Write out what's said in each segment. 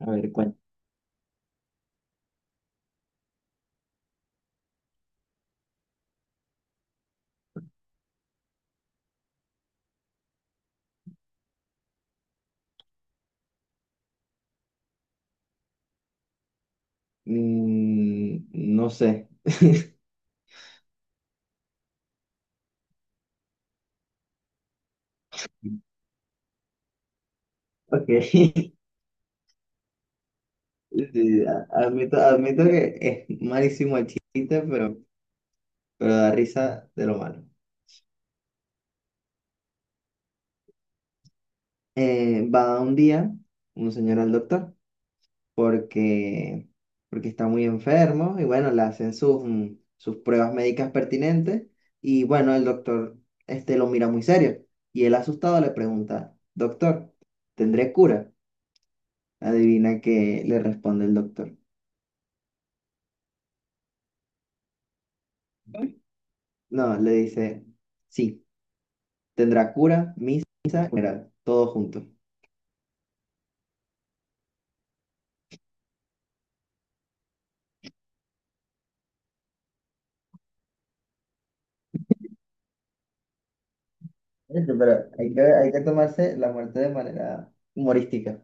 A ver, cuál. Mm, no sé. Ok. Sí, admito, admito que es malísimo el chiste, pero da risa de lo malo. Va un día un señor al doctor porque, porque está muy enfermo y bueno, le hacen sus sus pruebas médicas pertinentes y bueno, el doctor lo mira muy serio y él asustado le pregunta, doctor, ¿tendré cura? Adivina que le responde el doctor. No, le dice, sí, tendrá cura, misa y funeral, todo junto. Pero hay que tomarse la muerte de manera humorística.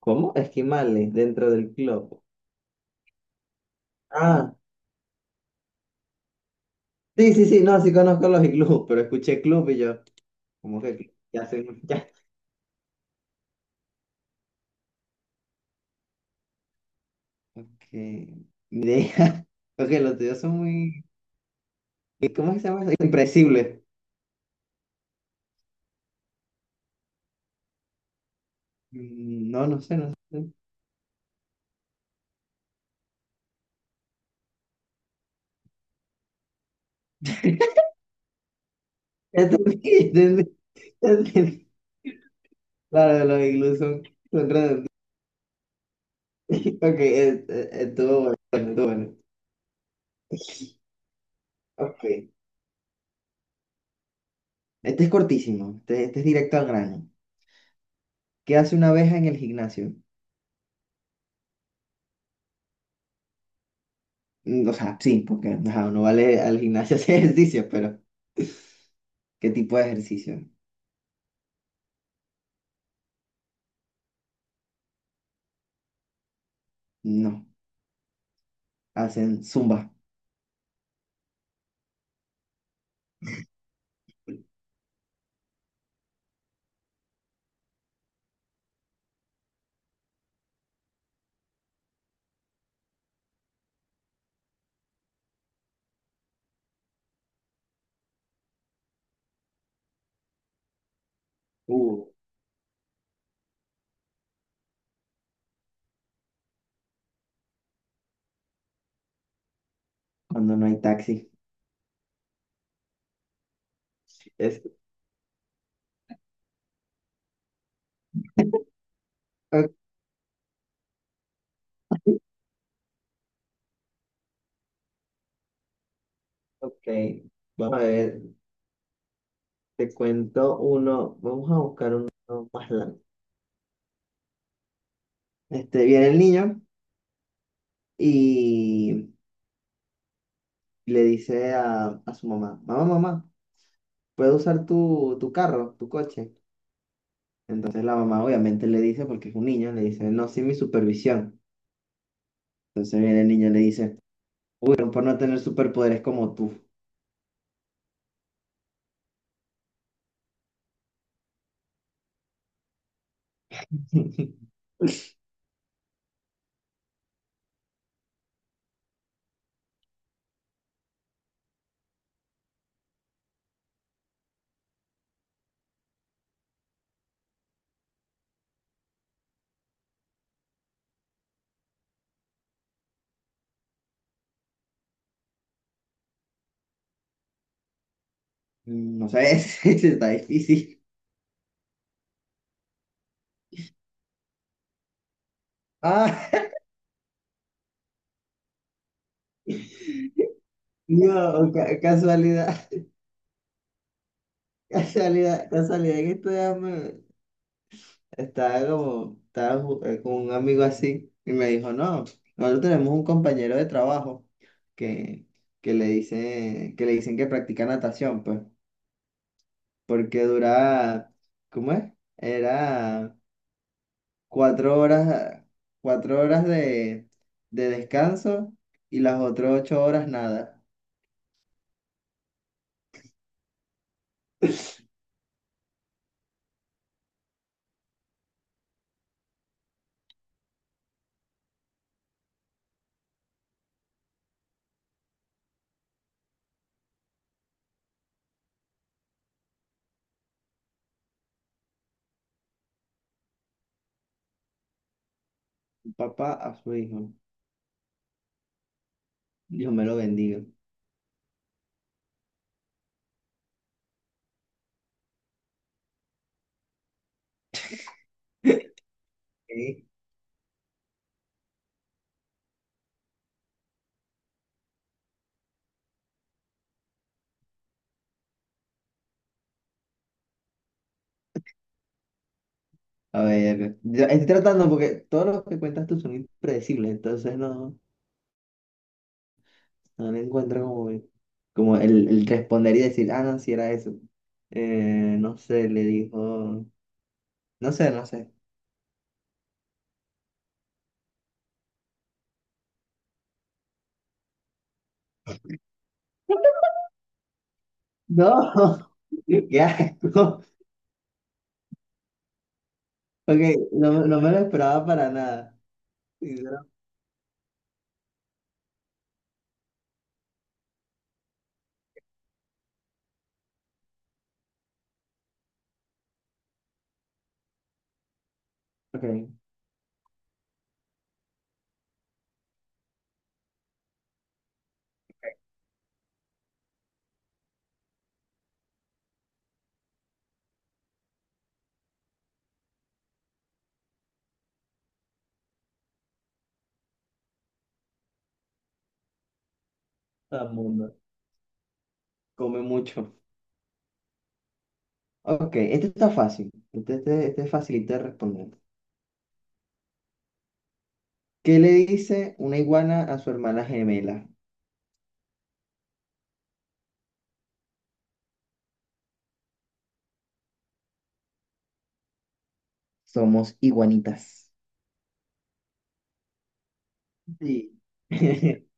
¿Cómo? Esquimales dentro del club. Ah, sí, sí, sí, no, sí conozco los iglús, pero escuché club y yo, ¿cómo que club? Ya sé, ya. Que mi idea, ok, los tuyos son muy, ¿cómo es que se llama eso? Impredecibles. Mm, no, no sé, no sé. Entendí, entendí, entendí. Claro, los iglús son, son redonditos. Ok, estuvo bueno, estuvo bueno. Ok, este es cortísimo, este es directo al grano. ¿Qué hace una abeja en el gimnasio? Mm, o sea, sí, porque ajá, no vale al gimnasio hacer ejercicio, pero ¿qué tipo de ejercicio? No, hacen zumba. Uh, cuando no hay taxi. Es, ok, ok, vamos a ver, te cuento uno, vamos a buscar uno más largo. Este, viene el niño y le dice a su mamá, mamá, mamá, puedo usar tu carro, tu coche. Entonces la mamá obviamente le dice, porque es un niño, le dice, no, sin mi supervisión. Entonces viene el niño y le dice, uy, pero por no tener superpoderes como tú. No sé, ese está difícil. Ah, no, casualidad, casualidad, casualidad que estaba como, con un amigo así y me dijo, no, nosotros tenemos un compañero de trabajo que, que que le dicen que practica natación, pues. Porque duraba, ¿cómo es? Era cuatro horas, cuatro horas de, de descanso y las otras ocho horas nada. Papá a su hijo, Dios me lo bendiga. Ok, a ver, yo estoy tratando porque todos los que cuentas tú son impredecibles, entonces no, no le encuentro como, como el responder y decir, ah, no, si era eso. No sé, le dijo, no sé, no sé. No, qué asco. Ok, no, no me lo esperaba para nada, sinceramente. Ok, todo el mundo come mucho. Ok, este está fácil. Este es facilito de responder. ¿Qué le dice una iguana a su hermana gemela? Somos iguanitas. Sí.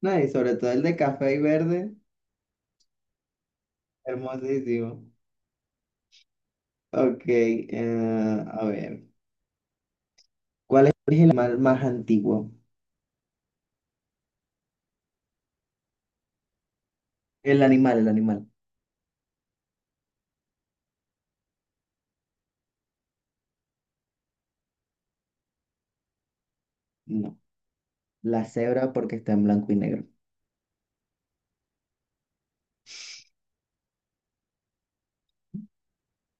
No, y sobre todo el de café y verde, hermosísimo. Ok, a ver. ¿Cuál es el animal más antiguo? El animal, el animal. No, la cebra porque está en blanco y negro.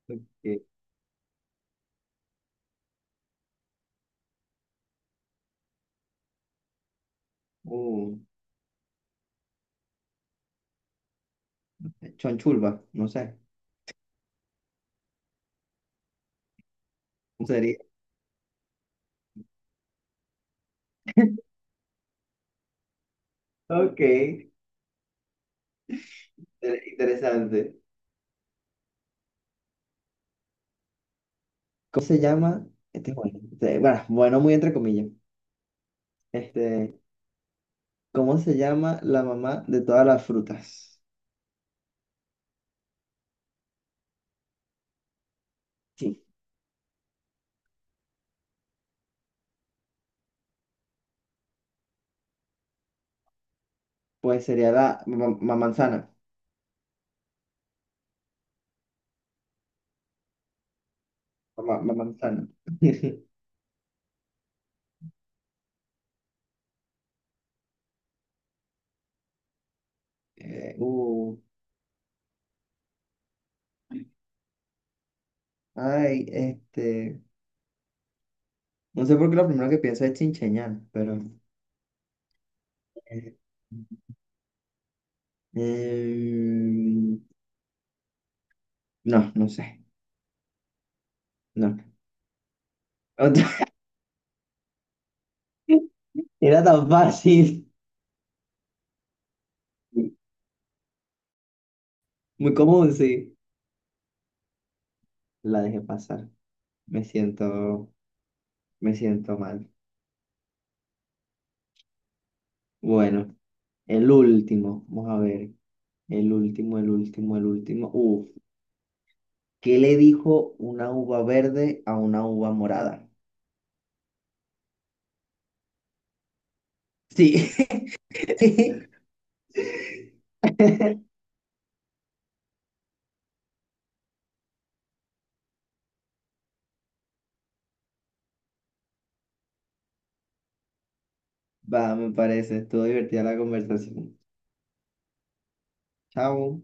Ok, uh, Chonchulba, no sé. Sería. Ok, interesante. ¿Cómo se llama? Este es bueno, bueno, bueno, muy entre comillas. Este, ¿cómo se llama la mamá de todas las frutas? Sí, pues sería la manzana. Manzana. Eh, uh, ay, este, no sé por qué lo primero que pienso es chincheñal, pero eh, eh, no, no sé, no. Era tan fácil. Muy cómodo, sí. La dejé pasar. Me siento, me siento mal. Bueno, el último. Vamos a ver. El último, el último, el último. Uf. ¿Qué le dijo una uva verde a una uva morada? Sí. Va, me parece. Estuvo divertida la conversación. Chao.